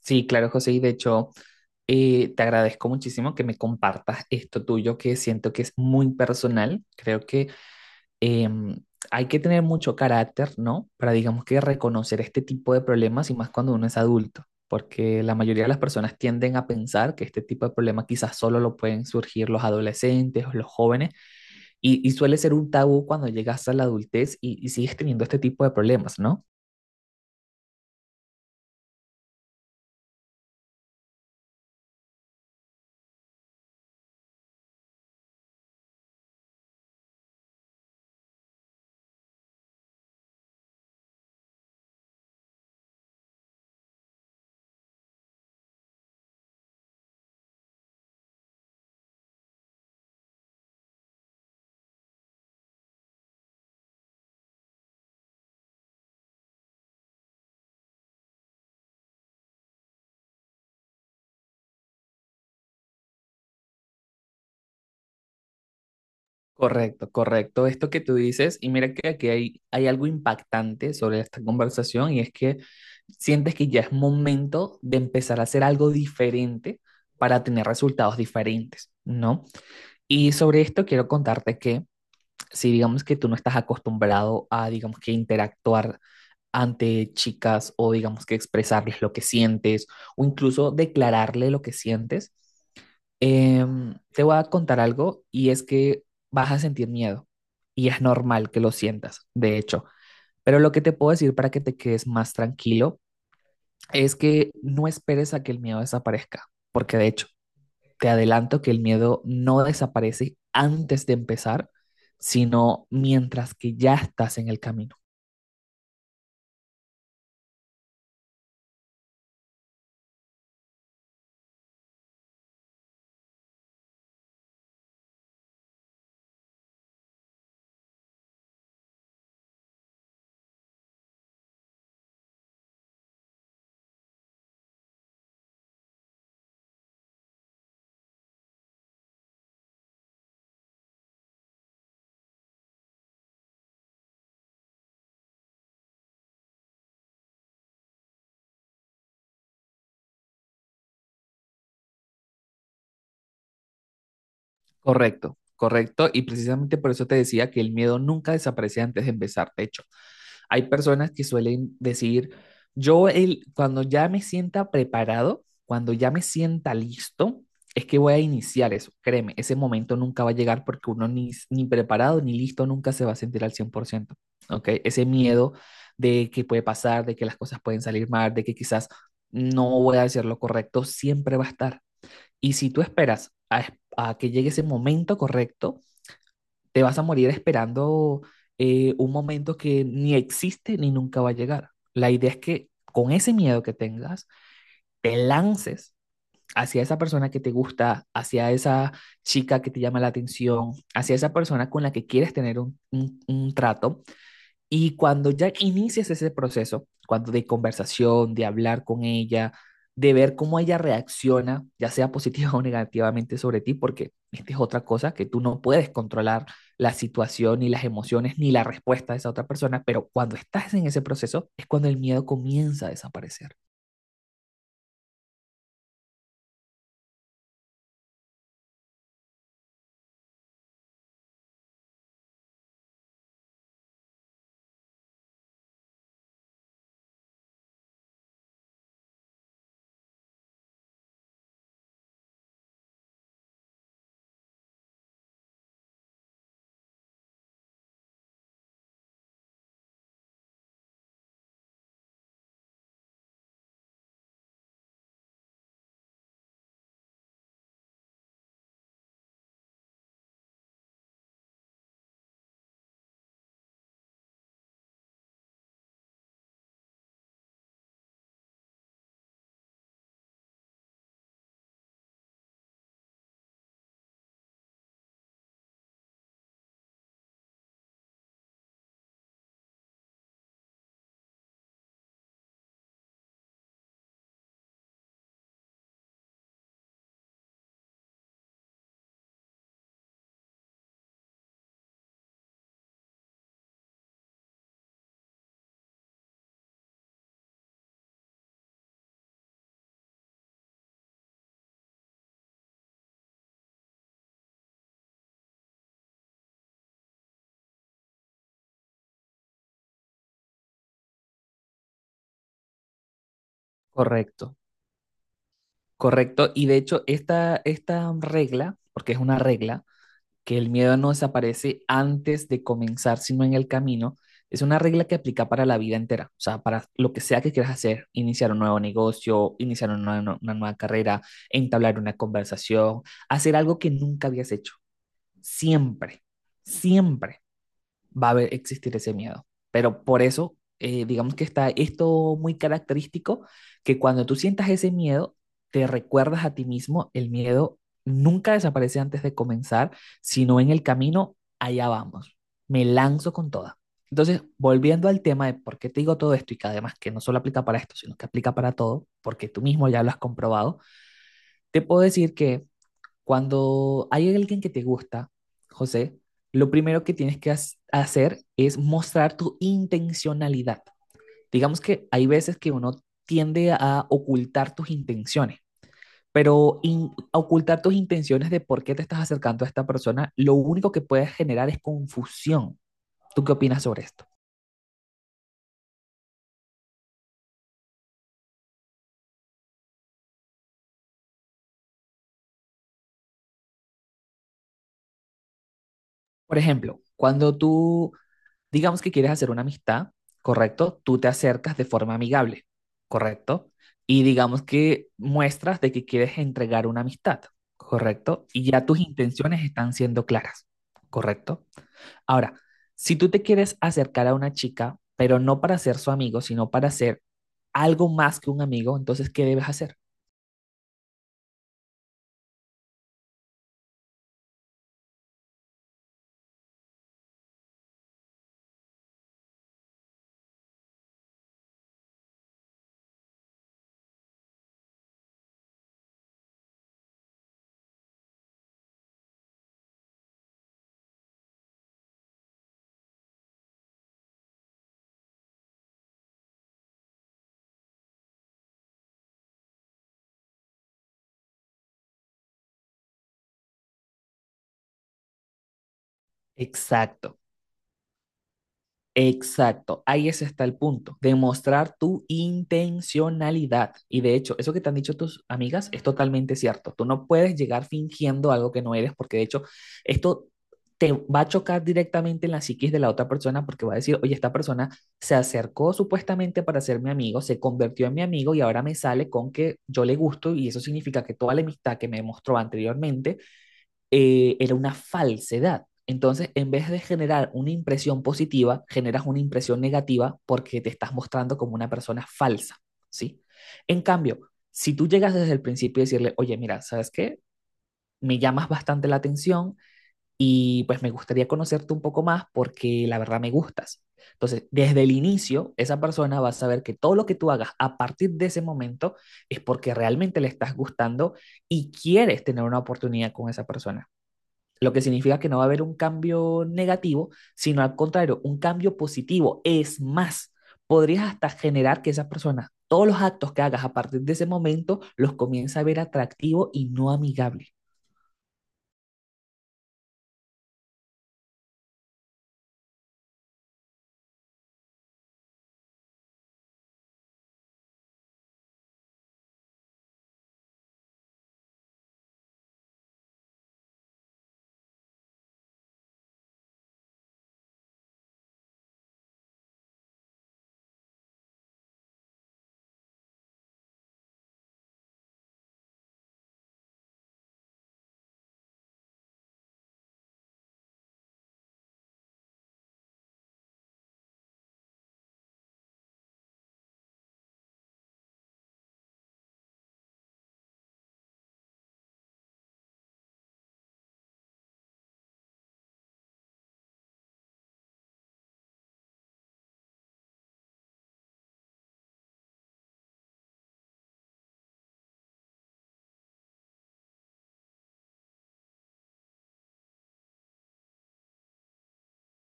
Sí, claro, José, y de hecho, te agradezco muchísimo que me compartas esto tuyo, que siento que es muy personal. Creo que em, hay que tener mucho carácter, ¿no? Para, digamos que, reconocer este tipo de problemas y más cuando uno es adulto, porque la mayoría de las personas tienden a pensar que este tipo de problemas quizás solo lo pueden surgir los adolescentes o los jóvenes, y suele ser un tabú cuando llegas a la adultez y sigues teniendo este tipo de problemas, ¿no? Correcto, correcto. Esto que tú dices, y mira que aquí hay algo impactante sobre esta conversación, y es que sientes que ya es momento de empezar a hacer algo diferente para tener resultados diferentes, ¿no? Y sobre esto quiero contarte que, si digamos que tú no estás acostumbrado a, digamos que interactuar ante chicas, o digamos que expresarles lo que sientes o incluso declararle lo que sientes, te voy a contar algo, y es que vas a sentir miedo, y es normal que lo sientas, de hecho. Pero lo que te puedo decir para que te quedes más tranquilo es que no esperes a que el miedo desaparezca, porque de hecho te adelanto que el miedo no desaparece antes de empezar, sino mientras que ya estás en el camino. Correcto, correcto. Y precisamente por eso te decía que el miedo nunca desaparece antes de empezar. De hecho, hay personas que suelen decir, yo cuando ya me sienta preparado, cuando ya me sienta listo, es que voy a iniciar eso. Créeme, ese momento nunca va a llegar, porque uno ni preparado ni listo nunca se va a sentir al 100%. ¿Ok? Ese miedo de que puede pasar, de que las cosas pueden salir mal, de que quizás no voy a hacer lo correcto, siempre va a estar. Y si tú a que llegue ese momento correcto, te vas a morir esperando un momento que ni existe ni nunca va a llegar. La idea es que, con ese miedo que tengas, te lances hacia esa persona que te gusta, hacia esa chica que te llama la atención, hacia esa persona con la que quieres tener un trato, y cuando ya inicias ese proceso, cuando de conversación, de hablar con ella, de ver cómo ella reacciona, ya sea positiva o negativamente sobre ti, porque esta es otra cosa que tú no puedes controlar: la situación, ni las emociones, ni la respuesta de esa otra persona. Pero cuando estás en ese proceso es cuando el miedo comienza a desaparecer. Correcto, correcto. Y de hecho, esta regla, porque es una regla, que el miedo no desaparece antes de comenzar, sino en el camino, es una regla que aplica para la vida entera, o sea, para lo que sea que quieras hacer: iniciar un nuevo negocio, iniciar una nueva carrera, entablar una conversación, hacer algo que nunca habías hecho, siempre, siempre existir ese miedo. Pero por eso, digamos que está esto muy característico, que cuando tú sientas ese miedo, te recuerdas a ti mismo: el miedo nunca desaparece antes de comenzar, sino en el camino, allá vamos, me lanzo con toda. Entonces, volviendo al tema de por qué te digo todo esto, y que además que no solo aplica para esto, sino que aplica para todo, porque tú mismo ya lo has comprobado, te puedo decir que cuando hay alguien que te gusta, José, lo primero que hacer es mostrar tu intencionalidad. Digamos que hay veces que uno tiende a ocultar tus intenciones, pero ocultar tus intenciones de por qué te estás acercando a esta persona, lo único que puede generar es confusión. ¿Tú qué opinas sobre esto? Por ejemplo, cuando tú, digamos que quieres hacer una amistad, ¿correcto? Tú te acercas de forma amigable, ¿correcto? Y digamos que muestras de que quieres entregar una amistad, ¿correcto? Y ya tus intenciones están siendo claras, ¿correcto? Ahora, si tú te quieres acercar a una chica, pero no para ser su amigo, sino para ser algo más que un amigo, entonces, ¿qué debes hacer? Exacto. Exacto, ahí ese está el punto: demostrar tu intencionalidad. Y de hecho, eso que te han dicho tus amigas es totalmente cierto. Tú no puedes llegar fingiendo algo que no eres, porque de hecho, esto te va a chocar directamente en la psiquis de la otra persona, porque va a decir, oye, esta persona se acercó supuestamente para ser mi amigo, se convirtió en mi amigo, y ahora me sale con que yo le gusto, y eso significa que toda la amistad que me mostró anteriormente era una falsedad. Entonces, en vez de generar una impresión positiva, generas una impresión negativa, porque te estás mostrando como una persona falsa, ¿sí? En cambio, si tú llegas desde el principio y decirle, oye, mira, ¿sabes qué? Me llamas bastante la atención y pues me gustaría conocerte un poco más, porque la verdad me gustas. Entonces, desde el inicio, esa persona va a saber que todo lo que tú hagas a partir de ese momento es porque realmente le estás gustando y quieres tener una oportunidad con esa persona. Lo que significa que no va a haber un cambio negativo, sino al contrario, un cambio positivo. Es más, podrías hasta generar que esas personas, todos los actos que hagas a partir de ese momento, los comience a ver atractivo y no amigable.